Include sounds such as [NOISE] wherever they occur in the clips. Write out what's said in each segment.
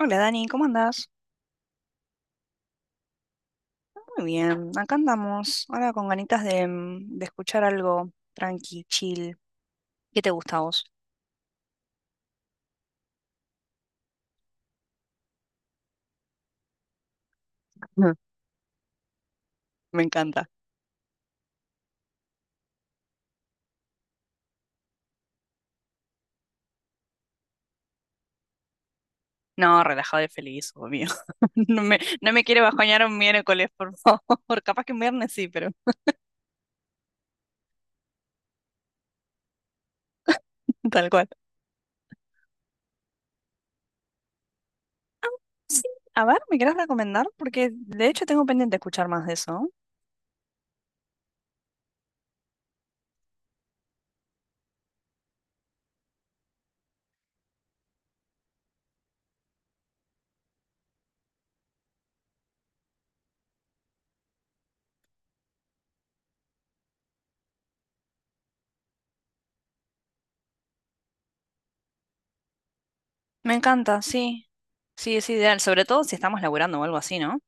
Hola Dani, ¿cómo andás? Muy bien, acá andamos, ahora con ganitas de escuchar algo tranqui, chill. ¿Qué te gusta a vos? Ujú. Me encanta. No, relajado y feliz, obvio. [LAUGHS] No me quiere bajoñar un miércoles, por favor. [LAUGHS] Capaz que un viernes sí, pero [LAUGHS] tal cual. Sí, a ver, ¿me querés recomendar? Porque de hecho tengo pendiente escuchar más de eso. Me encanta, sí. Sí, es ideal, sobre todo si estamos laburando o algo así, ¿no?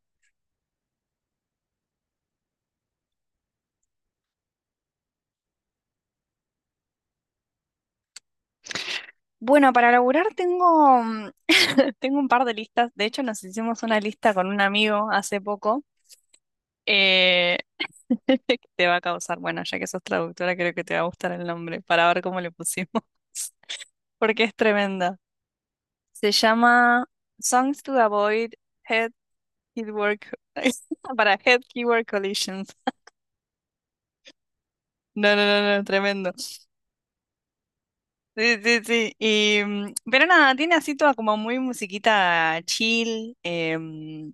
Bueno, para laburar [LAUGHS] tengo un par de listas. De hecho, nos hicimos una lista con un amigo hace poco. eh, [LAUGHS] que te va a causar, bueno, ya que sos traductora, creo que te va a gustar el nombre para ver cómo le pusimos, [LAUGHS] porque es tremenda. Se llama Songs to Avoid Head Keyword Co- [LAUGHS] para Head Keyword Collisions. No, no, no, no, tremendo. Sí, sí, sí. Pero nada, tiene así toda como muy musiquita chill.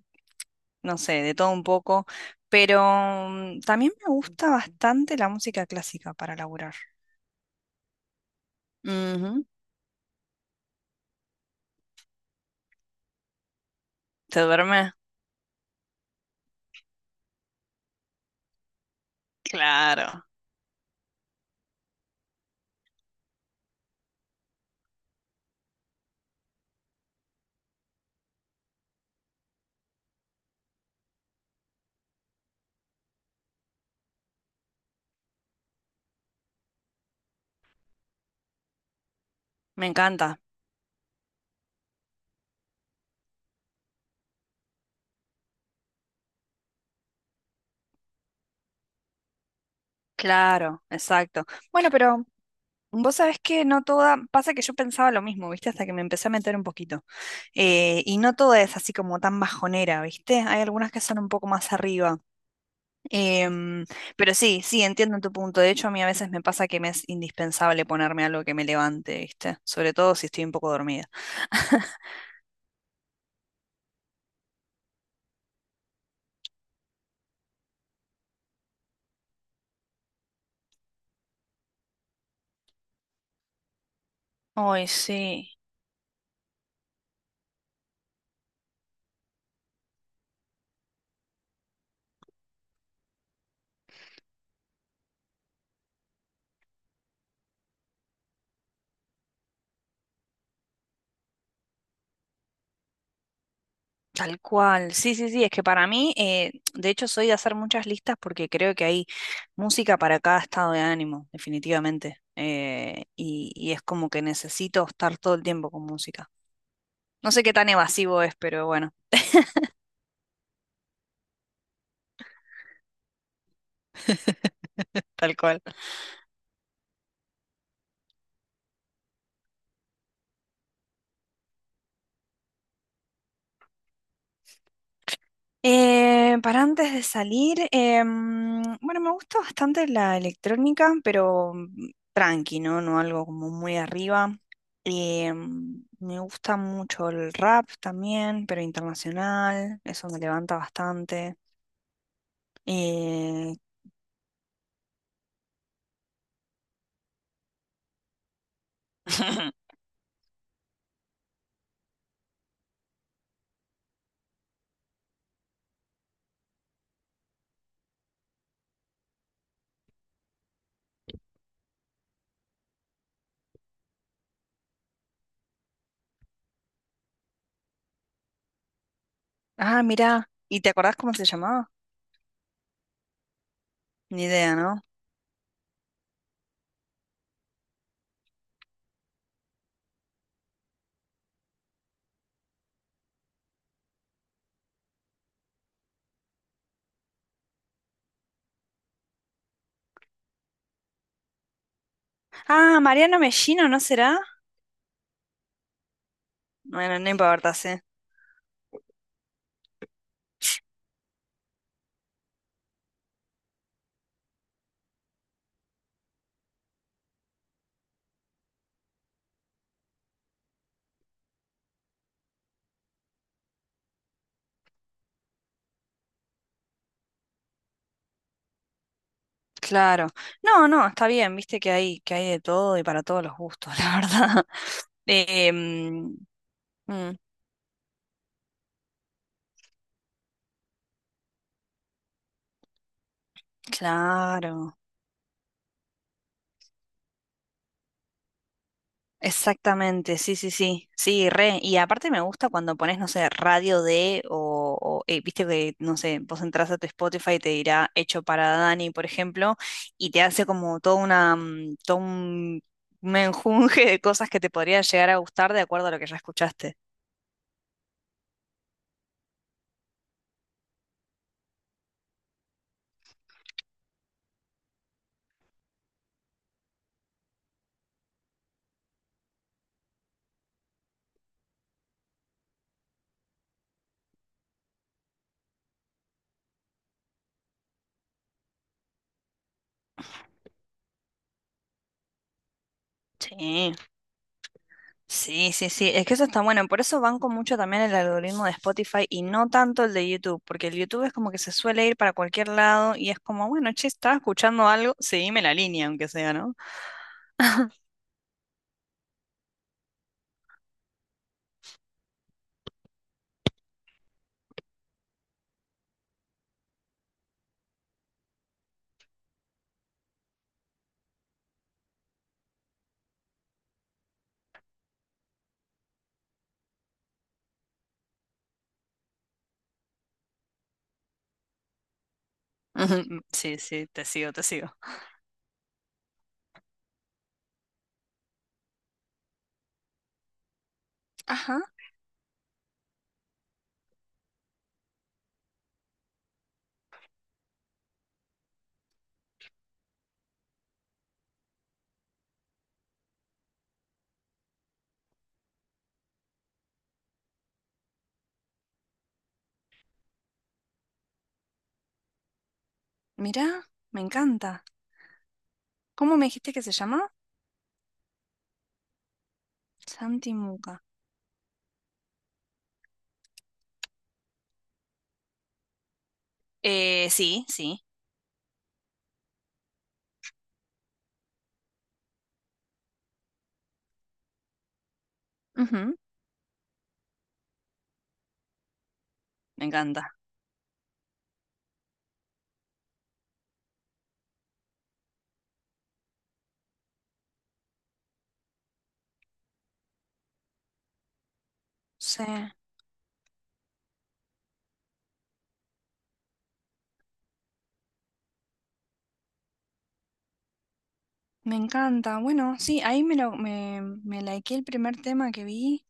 No sé, de todo un poco, pero también me gusta bastante la música clásica para laburar. Ujú. ¿Te duerme? Claro, me encanta, claro, exacto. Bueno, pero vos sabés que no toda, pasa que yo pensaba lo mismo, ¿viste? Hasta que me empecé a meter un poquito. Y no toda es así como tan bajonera, ¿viste? Hay algunas que son un poco más arriba. Em, pero sí, sí, entiendo tu punto. De hecho, a mí a veces me pasa que me es indispensable ponerme algo que me levante, ¿viste? Sobre todo si estoy un poco dormida. [LAUGHS] Ay, sí, tal cual. Sí, sí, sí, es que para mí, de hecho, soy de hacer muchas listas porque creo que hay música para cada estado de ánimo, definitivamente. Y es como que necesito estar todo el tiempo con música. No sé qué tan evasivo es, pero bueno, [LAUGHS] tal cual. Para antes de salir, bueno, me gusta bastante la electrónica, pero tranqui, ¿no? No algo como muy arriba. Me gusta mucho el rap también, pero internacional, eso me levanta bastante. Eh, [LAUGHS] ah, mirá, ¿y te acordás cómo se llamaba? Ni idea, ¿no? Ah, Mariano Mellino, ¿no será? Bueno, no importa, sí. Claro. No, no, está bien, viste que hay de todo y para todos los gustos, [LAUGHS] la verdad. Em, mm, claro, exactamente, sí, sí, sí, sí, re. Y aparte me gusta cuando pones, no sé, radio de, viste que, no sé, vos entras a tu Spotify y te dirá hecho para Dani, por ejemplo, y te hace como toda una, todo un menjunje de cosas que te podrían llegar a gustar de acuerdo a lo que ya escuchaste. Sí. Sí, sí, sí, es que eso está bueno, por eso banco mucho también el algoritmo de Spotify y no tanto el de YouTube, porque el YouTube es como que se suele ir para cualquier lado y es como, bueno, che, estaba escuchando algo, seguime la línea, aunque sea, ¿no? Ujú, sí, sí, te sigo, te sigo. Ajá, mirá, me encanta. ¿Cómo me dijiste que se llama? Santi Muca. Sí, sí. Ujú, me encanta. Sí, me encanta. Bueno, sí, ahí me me likeé el primer tema que vi.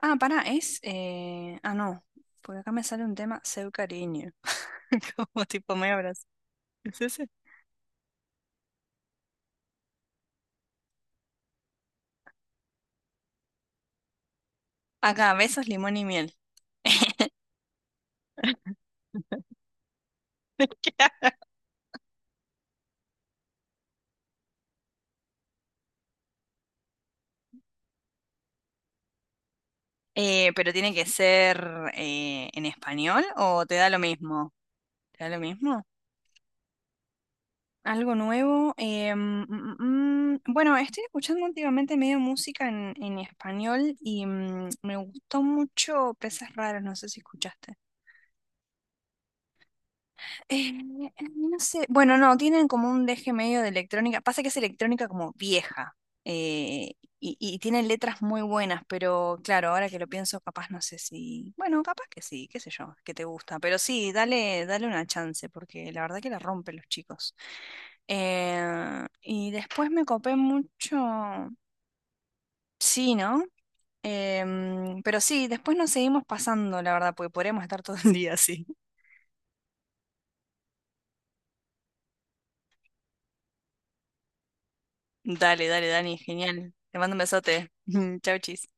Ah, pará, es. Ah, no. Porque acá me sale un tema, Seu Cariño. [LAUGHS] Como tipo me abrazo. ¿Es ese? Acá, besos, limón y miel. [LAUGHS] ¿Qué? Pero tiene que ser en español o te da lo mismo. ¿Te da lo mismo? Algo nuevo. Bueno, estoy escuchando últimamente medio música en español y me gustó mucho Peces Raros, no sé si escuchaste. No sé, bueno, no, tienen como un deje medio de electrónica. Pasa que es electrónica como vieja eh, y tienen letras muy buenas, pero claro, ahora que lo pienso, capaz no sé si, bueno, capaz que sí, qué sé yo, que te gusta, pero sí, dale, dale una chance porque la verdad que la rompen los chicos. Y después me copé mucho, sí, ¿no? Pero sí, después nos seguimos pasando, la verdad, porque podríamos estar todo el día así. Dale, dale, Dani, genial. Te mando un besote. [LAUGHS] Chau, chis.